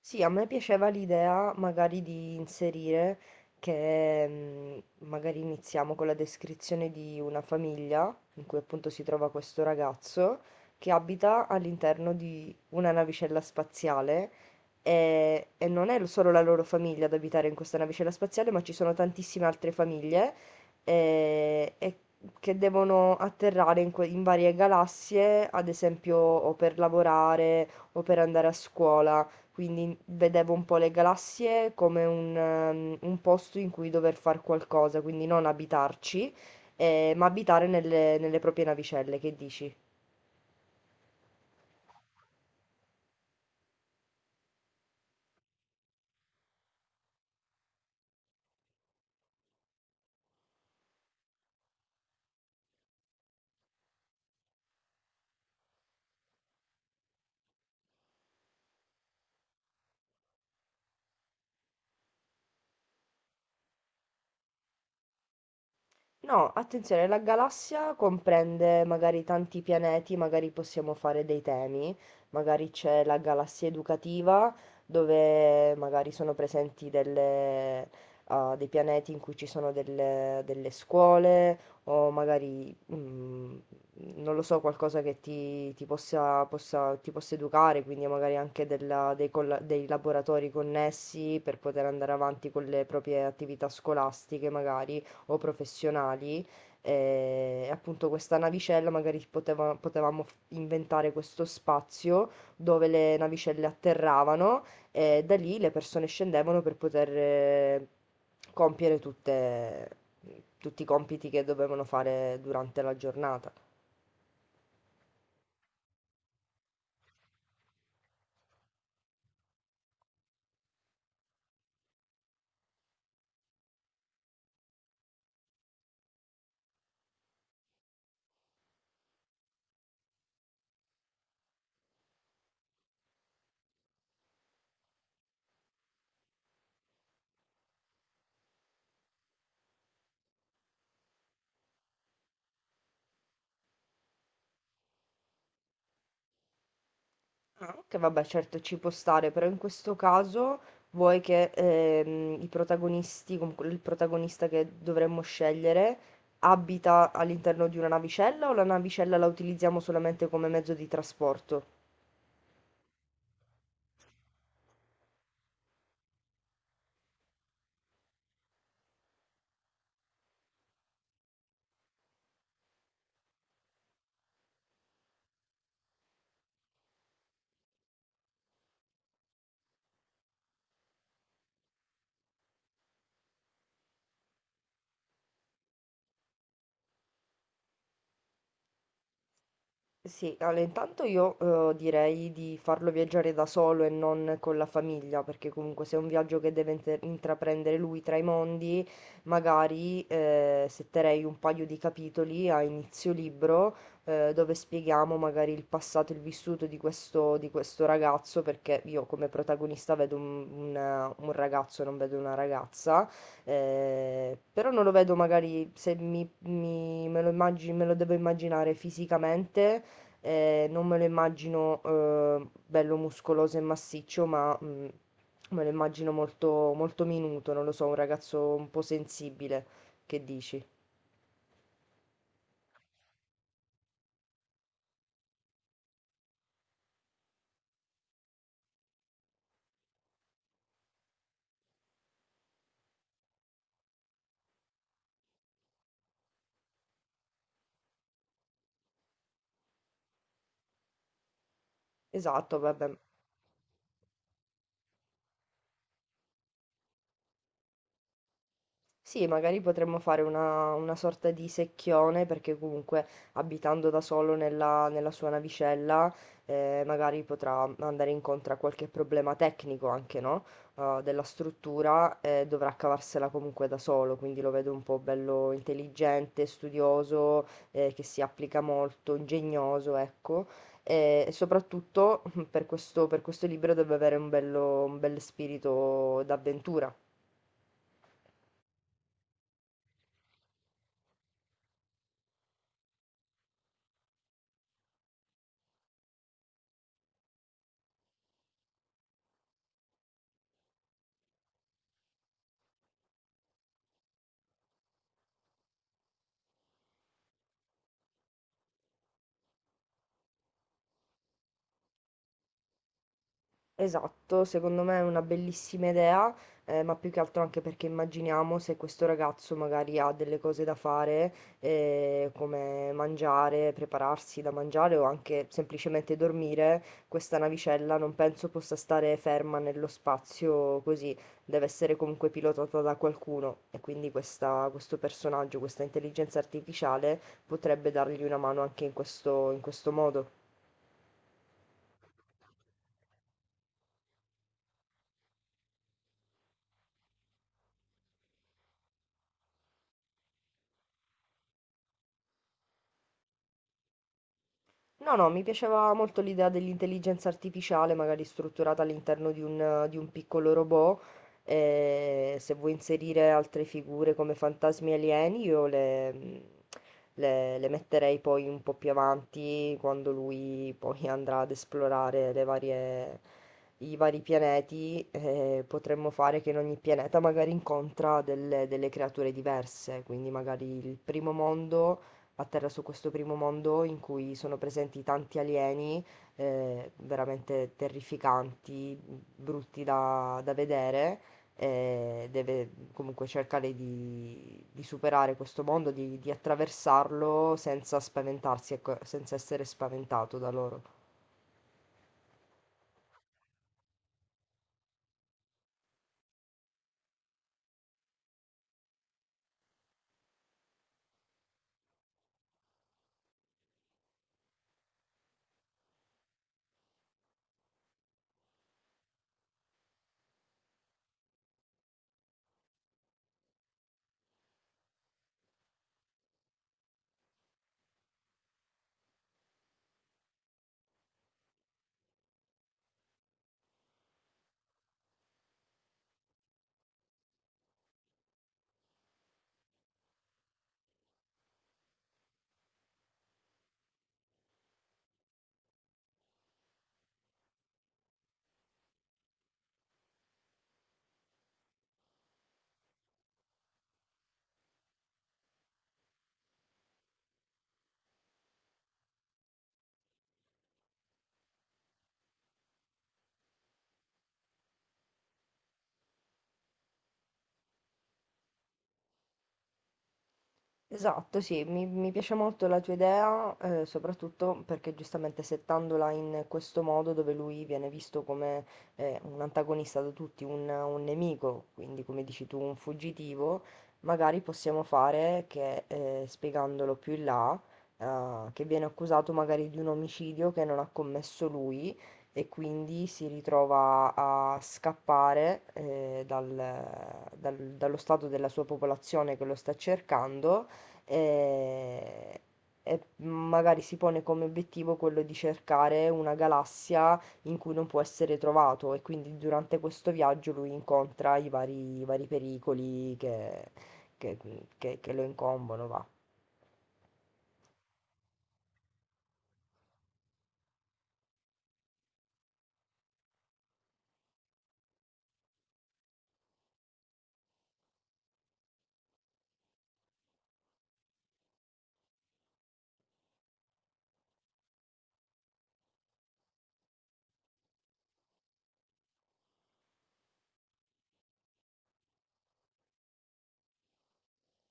Sì, a me piaceva l'idea magari di inserire che magari iniziamo con la descrizione di una famiglia in cui appunto si trova questo ragazzo che abita all'interno di una navicella spaziale e, non è solo la loro famiglia ad abitare in questa navicella spaziale, ma ci sono tantissime altre famiglie eh, e che devono atterrare in varie galassie, ad esempio o per lavorare o per andare a scuola. Quindi vedevo un po' le galassie come un posto in cui dover fare qualcosa, quindi non abitarci, ma abitare nelle proprie navicelle. Che dici? No, attenzione, la galassia comprende magari tanti pianeti, magari possiamo fare dei temi, magari c'è la galassia educativa, dove magari sono presenti delle, ah, dei pianeti in cui ci sono delle scuole, o magari, non lo so, qualcosa che ti possa, ti possa educare, quindi magari anche dei, dei laboratori connessi per poter andare avanti con le proprie attività scolastiche, magari o professionali. E appunto questa navicella magari potevamo inventare questo spazio dove le navicelle atterravano e da lì le persone scendevano per poter compiere tutti i compiti che dovevano fare durante la giornata. Ah, ok, vabbè, certo ci può stare, però in questo caso vuoi che i protagonisti, comunque il protagonista che dovremmo scegliere, abita all'interno di una navicella o la navicella la utilizziamo solamente come mezzo di trasporto? Sì, allora intanto io direi di farlo viaggiare da solo e non con la famiglia, perché comunque se è un viaggio che deve intraprendere lui tra i mondi, magari setterei un paio di capitoli a inizio libro dove spieghiamo magari il passato e il vissuto di di questo ragazzo, perché io come protagonista vedo un ragazzo, non vedo una ragazza, però non lo vedo magari se me lo me lo devo immaginare fisicamente non me lo immagino bello muscoloso e massiccio, ma me lo immagino molto, molto minuto, non lo so, un ragazzo un po' sensibile, che dici? Esatto, vabbè. Sì, magari potremmo fare una sorta di secchione, perché comunque abitando da solo nella sua navicella, magari potrà andare incontro a qualche problema tecnico anche, no? Della struttura e dovrà cavarsela comunque da solo, quindi lo vedo un po' bello intelligente, studioso, che si applica molto, ingegnoso, ecco. E soprattutto per per questo libro deve avere un un bel spirito d'avventura. Esatto, secondo me è una bellissima idea, ma più che altro anche perché immaginiamo se questo ragazzo magari ha delle cose da fare, come mangiare, prepararsi da mangiare o anche semplicemente dormire, questa navicella non penso possa stare ferma nello spazio così, deve essere comunque pilotata da qualcuno e quindi questo personaggio, questa intelligenza artificiale potrebbe dargli una mano anche in questo modo. No, no, mi piaceva molto l'idea dell'intelligenza artificiale, magari strutturata all'interno di di un piccolo robot. E se vuoi inserire altre figure come fantasmi alieni, le metterei poi un po' più avanti, quando lui poi andrà ad esplorare le varie i vari pianeti. Eh, potremmo fare che in ogni pianeta magari incontra delle creature diverse, quindi magari il primo mondo a terra su questo primo mondo in cui sono presenti tanti alieni veramente terrificanti, brutti da vedere. Eh, deve comunque cercare di superare questo mondo, di attraversarlo senza spaventarsi, ecco, senza essere spaventato da loro. Esatto, sì, mi piace molto la tua idea, soprattutto perché giustamente settandola in questo modo dove lui viene visto come un antagonista da tutti, un nemico, quindi come dici tu, un fuggitivo, magari possiamo fare che spiegandolo più in là, che viene accusato magari di un omicidio che non ha commesso lui e quindi si ritrova a scappare dallo stato della sua popolazione che lo sta cercando e, e magari si pone come obiettivo quello di cercare una galassia in cui non può essere trovato e quindi durante questo viaggio lui incontra i i vari pericoli che- che lo incombono, va.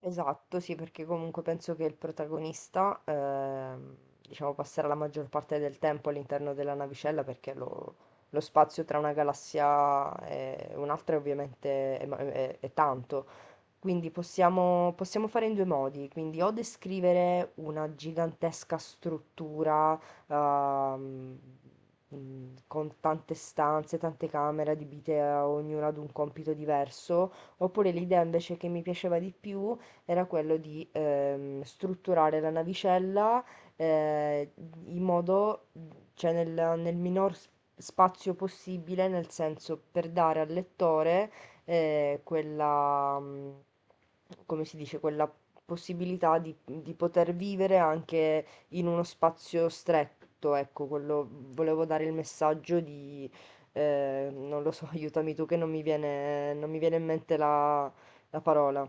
Esatto, sì, perché comunque penso che il protagonista, diciamo, passerà la maggior parte del tempo all'interno della navicella perché lo spazio tra una galassia e un'altra ovviamente è è tanto. Quindi possiamo fare in due modi, quindi o descrivere una gigantesca struttura ehm, con tante stanze, tante camere adibite a ognuna ad un compito diverso, oppure l'idea invece che mi piaceva di più era quello di strutturare la navicella eh, in modo, cioè nel minor spazio possibile, nel senso per dare al lettore quella, come si dice, quella possibilità di poter vivere anche in uno spazio stretto, ecco, quello volevo dare il messaggio di, non lo so, aiutami tu che non mi viene, non mi viene in mente la parola.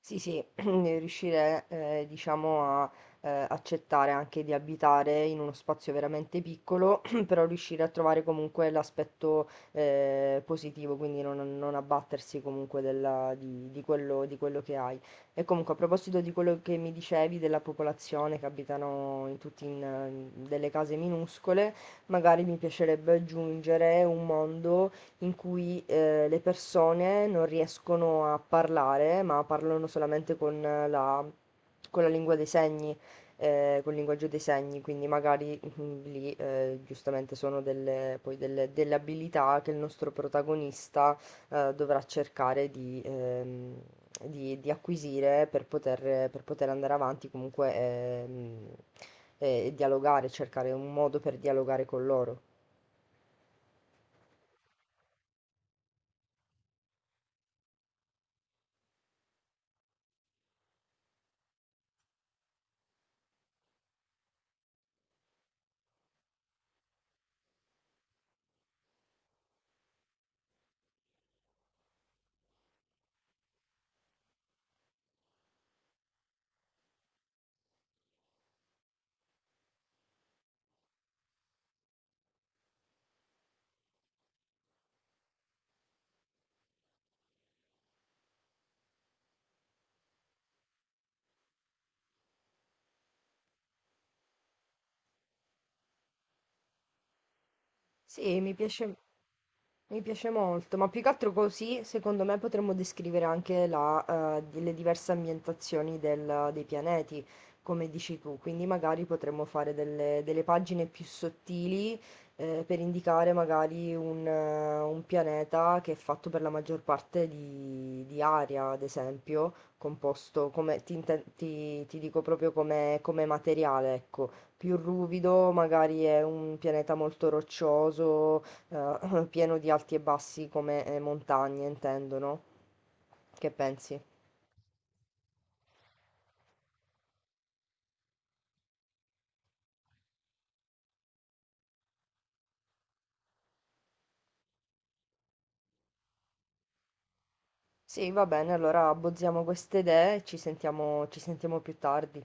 Sì, sì, riuscire, diciamo, a accettare anche di abitare in uno spazio veramente piccolo, però riuscire a trovare comunque l'aspetto positivo, quindi non abbattersi comunque di di quello che hai. E comunque, a proposito di quello che mi dicevi della popolazione che abitano in tutti in, delle case minuscole, magari mi piacerebbe aggiungere un mondo in cui le persone non riescono a parlare, ma parlano solamente con con la lingua dei segni, col linguaggio dei segni, quindi magari lì giustamente sono delle, delle abilità che il nostro protagonista dovrà cercare di... di acquisire per per poter andare avanti comunque dialogare, cercare un modo per dialogare con loro. Sì, mi piace molto, ma più che altro così, secondo me, potremmo descrivere anche le diverse ambientazioni dei pianeti, come dici tu. Quindi magari potremmo fare delle pagine più sottili, per indicare magari un pianeta che è fatto per la maggior parte di aria, ad esempio, composto come, ti dico proprio come, come materiale, ecco più ruvido, magari è un pianeta molto roccioso, pieno di alti e bassi come montagne, intendo, no? Che pensi? Sì, va bene, allora abbozziamo queste idee e ci sentiamo più tardi.